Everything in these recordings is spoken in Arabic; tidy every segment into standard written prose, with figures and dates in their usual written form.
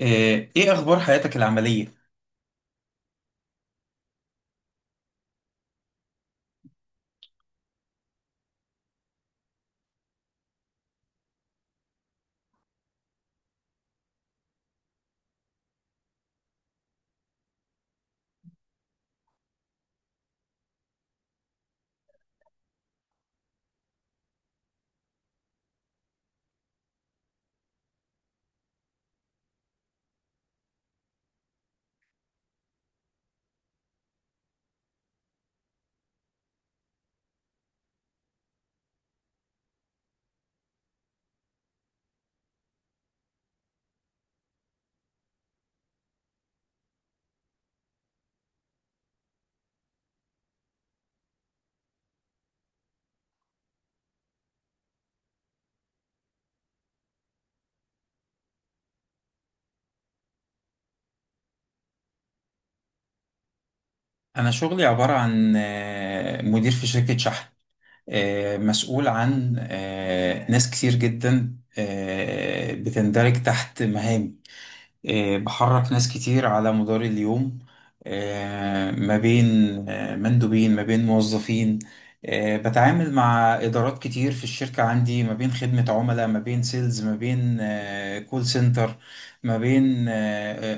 ايه اخبار حياتك العمليه؟ انا شغلي عباره عن مدير في شركه شحن. مسؤول عن ناس كتير جدا بتندرج تحت مهامي. بحرك ناس كتير على مدار اليوم، ما بين مندوبين، ما بين موظفين. بتعامل مع إدارات كتير في الشركة عندي، ما بين خدمة عملاء، ما بين سيلز، ما بين كول سنتر، ما بين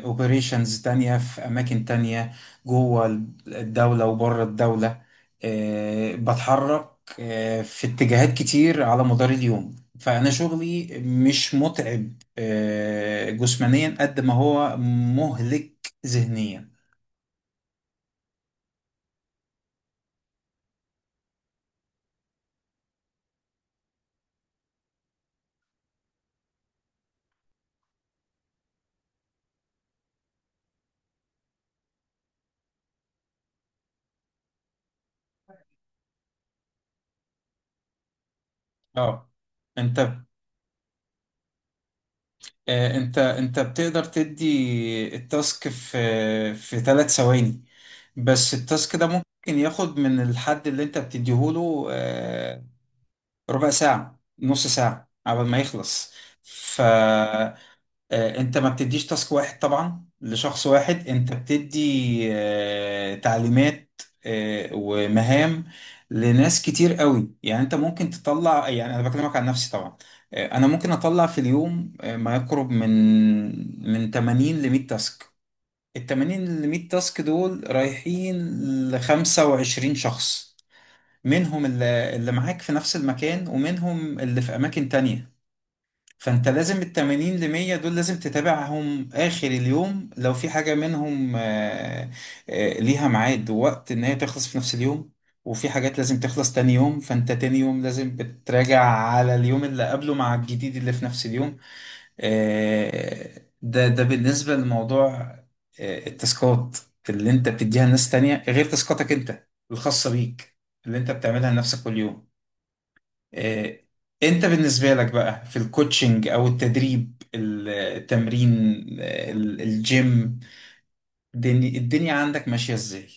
اوبريشنز تانية في أماكن تانية، جوه الدولة وبره الدولة. بتحرك في اتجاهات كتير على مدار اليوم، فأنا شغلي مش متعب جسمانيا قد ما هو مهلك ذهنيا. اه، انت انت بتقدر تدي التاسك في في 3 ثواني، بس التاسك ده ممكن ياخد من الحد اللي انت بتديهوله ربع ساعة، نص ساعة قبل ما يخلص. ف انت ما بتديش تاسك واحد طبعا لشخص واحد، انت بتدي تعليمات ومهام لناس كتير قوي. يعني انت ممكن تطلع، يعني انا بكلمك عن نفسي طبعا، انا ممكن اطلع في اليوم ما يقرب من من 80 ل 100 تاسك. ال 80 ل 100 تاسك دول رايحين ل 25 شخص، منهم اللي معاك في نفس المكان، ومنهم اللي في اماكن تانية. فانت لازم ال 80 ل 100 دول لازم تتابعهم اخر اليوم، لو في حاجه منهم ليها ميعاد ووقت ان هي تخلص في نفس اليوم، وفي حاجات لازم تخلص تاني يوم، فانت تاني يوم لازم بتراجع على اليوم اللي قبله مع الجديد اللي في نفس اليوم. ده بالنسبه لموضوع التاسكات اللي انت بتديها لناس تانية، غير تاسكاتك انت الخاصه بيك اللي انت بتعملها لنفسك كل يوم. آه، انت بالنسبة لك بقى في الكوتشنج او التدريب، التمرين، الجيم، الدنيا عندك ماشية ازاي؟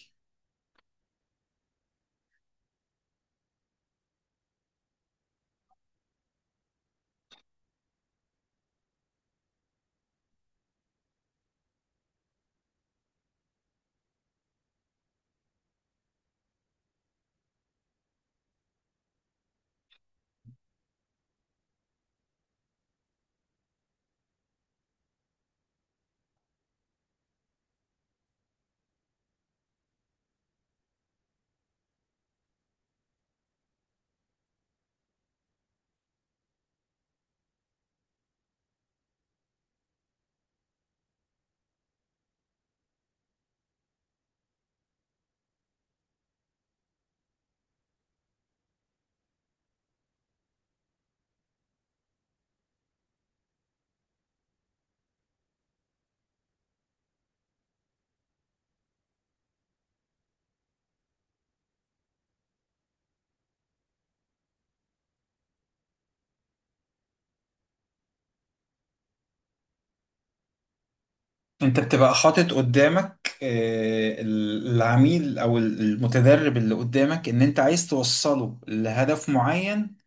انت بتبقى حاطط قدامك العميل او المتدرب اللي قدامك، ان انت عايز توصله لهدف معين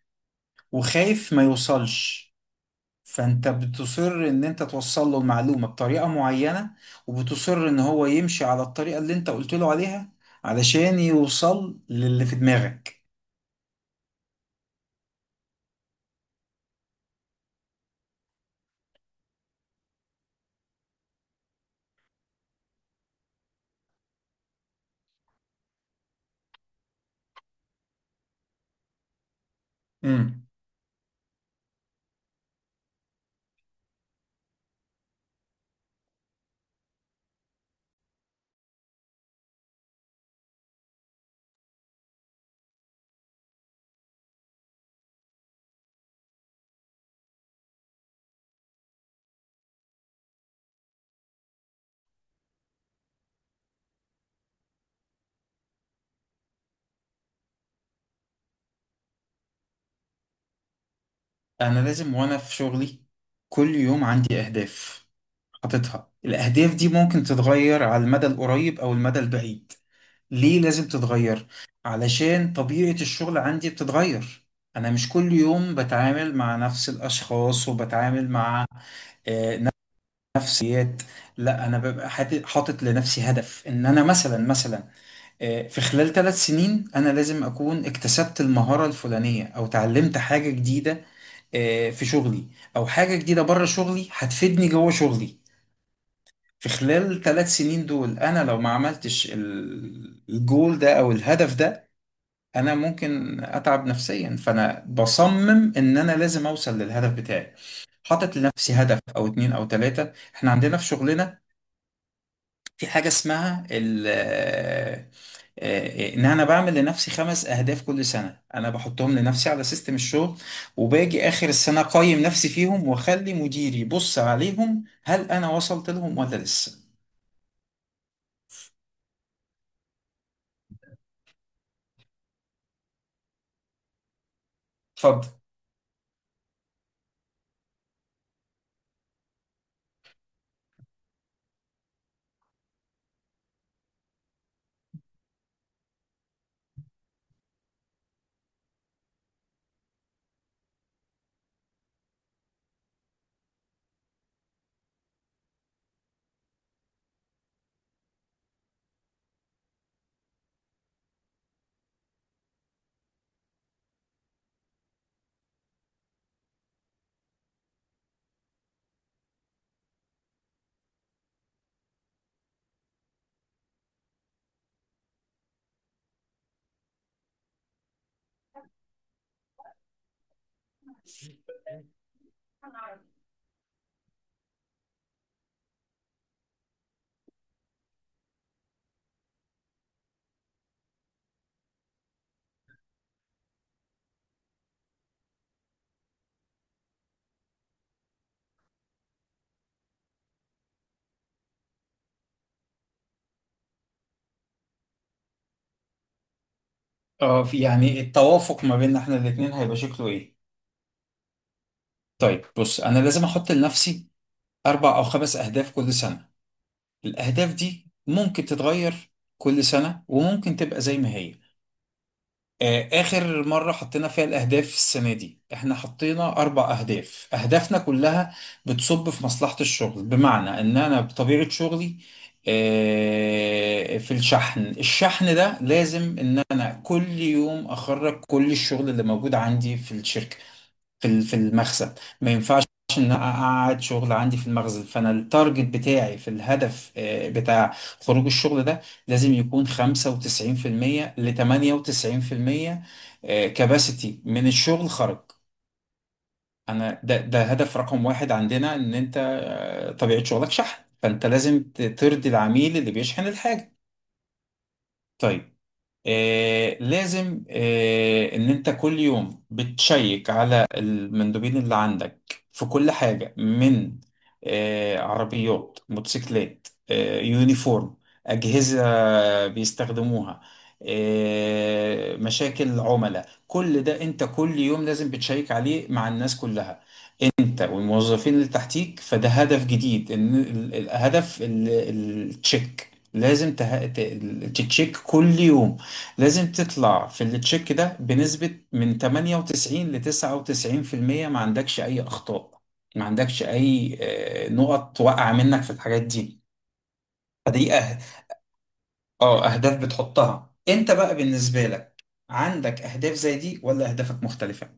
وخايف ما يوصلش، فانت بتصر ان انت توصل له المعلومة بطريقة معينة، وبتصر ان هو يمشي على الطريقة اللي انت قلت له عليها علشان يوصل للي في دماغك. امم. انا لازم وانا في شغلي كل يوم عندي اهداف حاططها. الاهداف دي ممكن تتغير على المدى القريب او المدى البعيد. ليه لازم تتغير؟ علشان طبيعة الشغل عندي بتتغير. انا مش كل يوم بتعامل مع نفس الاشخاص، وبتعامل مع آه، نفسيات. لا، انا ببقى حاطط لنفسي هدف ان انا مثلا في خلال 3 سنين انا لازم اكون اكتسبت المهارة الفلانية او اتعلمت حاجة جديدة في شغلي، او حاجه جديده بره شغلي هتفيدني جوه شغلي. في خلال ثلاث سنين دول انا لو ما عملتش الجول ده او الهدف ده، انا ممكن اتعب نفسيا، فانا بصمم ان انا لازم اوصل للهدف بتاعي. حاطط لنفسي هدف او اتنين او تلاتة. احنا عندنا في شغلنا في حاجة اسمها ال آه، آه، ان انا بعمل لنفسي 5 اهداف كل سنة، انا بحطهم لنفسي على سيستم الشغل، وباجي اخر السنة اقيم نفسي فيهم، واخلي مديري يبص عليهم هل انا وصلت لهم ولا لسه. اتفضل. اه، في- يعني التوافق ما بيننا احنا الاتنين هيبقى شكله ايه؟ طيب بص، انا لازم احط لنفسي 4 او 5 اهداف كل سنة. الاهداف دي ممكن تتغير كل سنة، وممكن تبقى زي ما هي. آخر مرة حطينا فيها الأهداف السنة دي، إحنا حطينا 4 أهداف. أهدافنا كلها بتصب في مصلحة الشغل. بمعنى، إن أنا بطبيعة شغلي في الشحن، الشحن ده لازم إن أنا كل يوم أخرج كل الشغل اللي موجود عندي في الشركة، في في المخزن. ما ينفعش ان أنا اقعد شغل عندي في المخزن. فانا التارجت بتاعي في الهدف بتاع خروج الشغل ده لازم يكون 95% ل 98% كباسيتي من الشغل خرج. انا ده هدف رقم واحد عندنا، ان انت طبيعة شغلك شحن، فانت لازم ترضي العميل اللي بيشحن الحاجة. طيب، آه لازم آه ان انت كل يوم بتشيك على المندوبين اللي عندك في كل حاجة، من آه عربيات، موتوسيكلات، آه يونيفورم، أجهزة بيستخدموها، آه مشاكل عملاء. كل ده انت كل يوم لازم بتشيك عليه مع الناس كلها، انت والموظفين اللي تحتيك. فده هدف جديد، ان هدف التشيك لازم تتشيك كل يوم. لازم تطلع في التشيك ده بنسبة من 98 ل 99%، ما عندكش اي اخطاء، ما عندكش اي نقط واقعة منك في الحاجات دي. فدي أه... اه، اهداف بتحطها انت بقى. بالنسبة لك عندك اهداف زي دي، ولا اهدافك مختلفة؟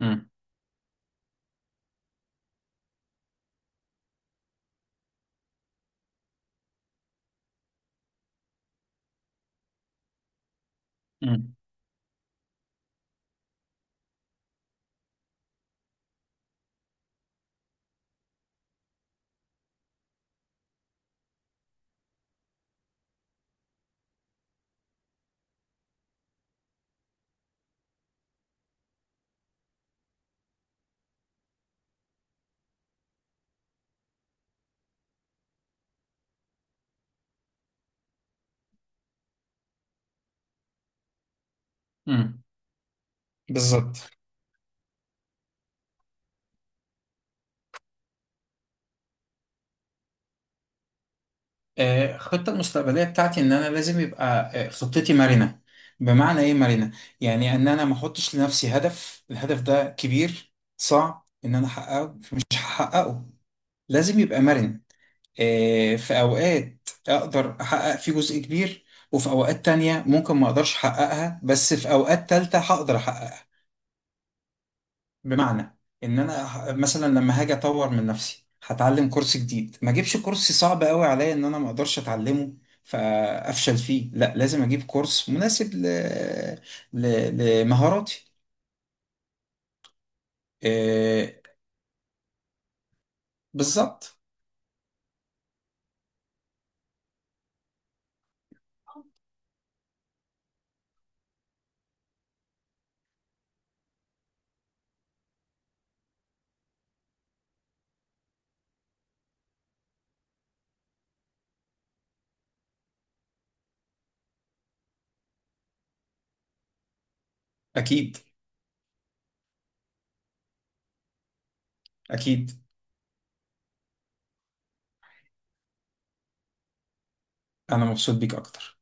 امم. امم. امم. بالظبط. الخطة المستقبلية بتاعتي إن أنا لازم يبقى خطتي مرنة. بمعنى إيه مرنة؟ يعني إن أنا ما أحطش لنفسي هدف، الهدف ده كبير صعب إن أنا أحققه فمش هحققه. لازم يبقى مرن. في أوقات أقدر أحقق فيه جزء كبير، وفي أوقات تانية ممكن ما أقدرش أحققها، بس في أوقات تالتة هقدر أحققها. بمعنى ان انا مثلا لما هاجي اطور من نفسي هتعلم كورس جديد، ما اجيبش كورس صعب قوي عليا ان انا ما اقدرش اتعلمه فافشل فيه. لا، لازم اجيب كورس مناسب لمهاراتي. إيه. بالظبط. اكيد. اكيد. انا مبسوط بيك اكتر.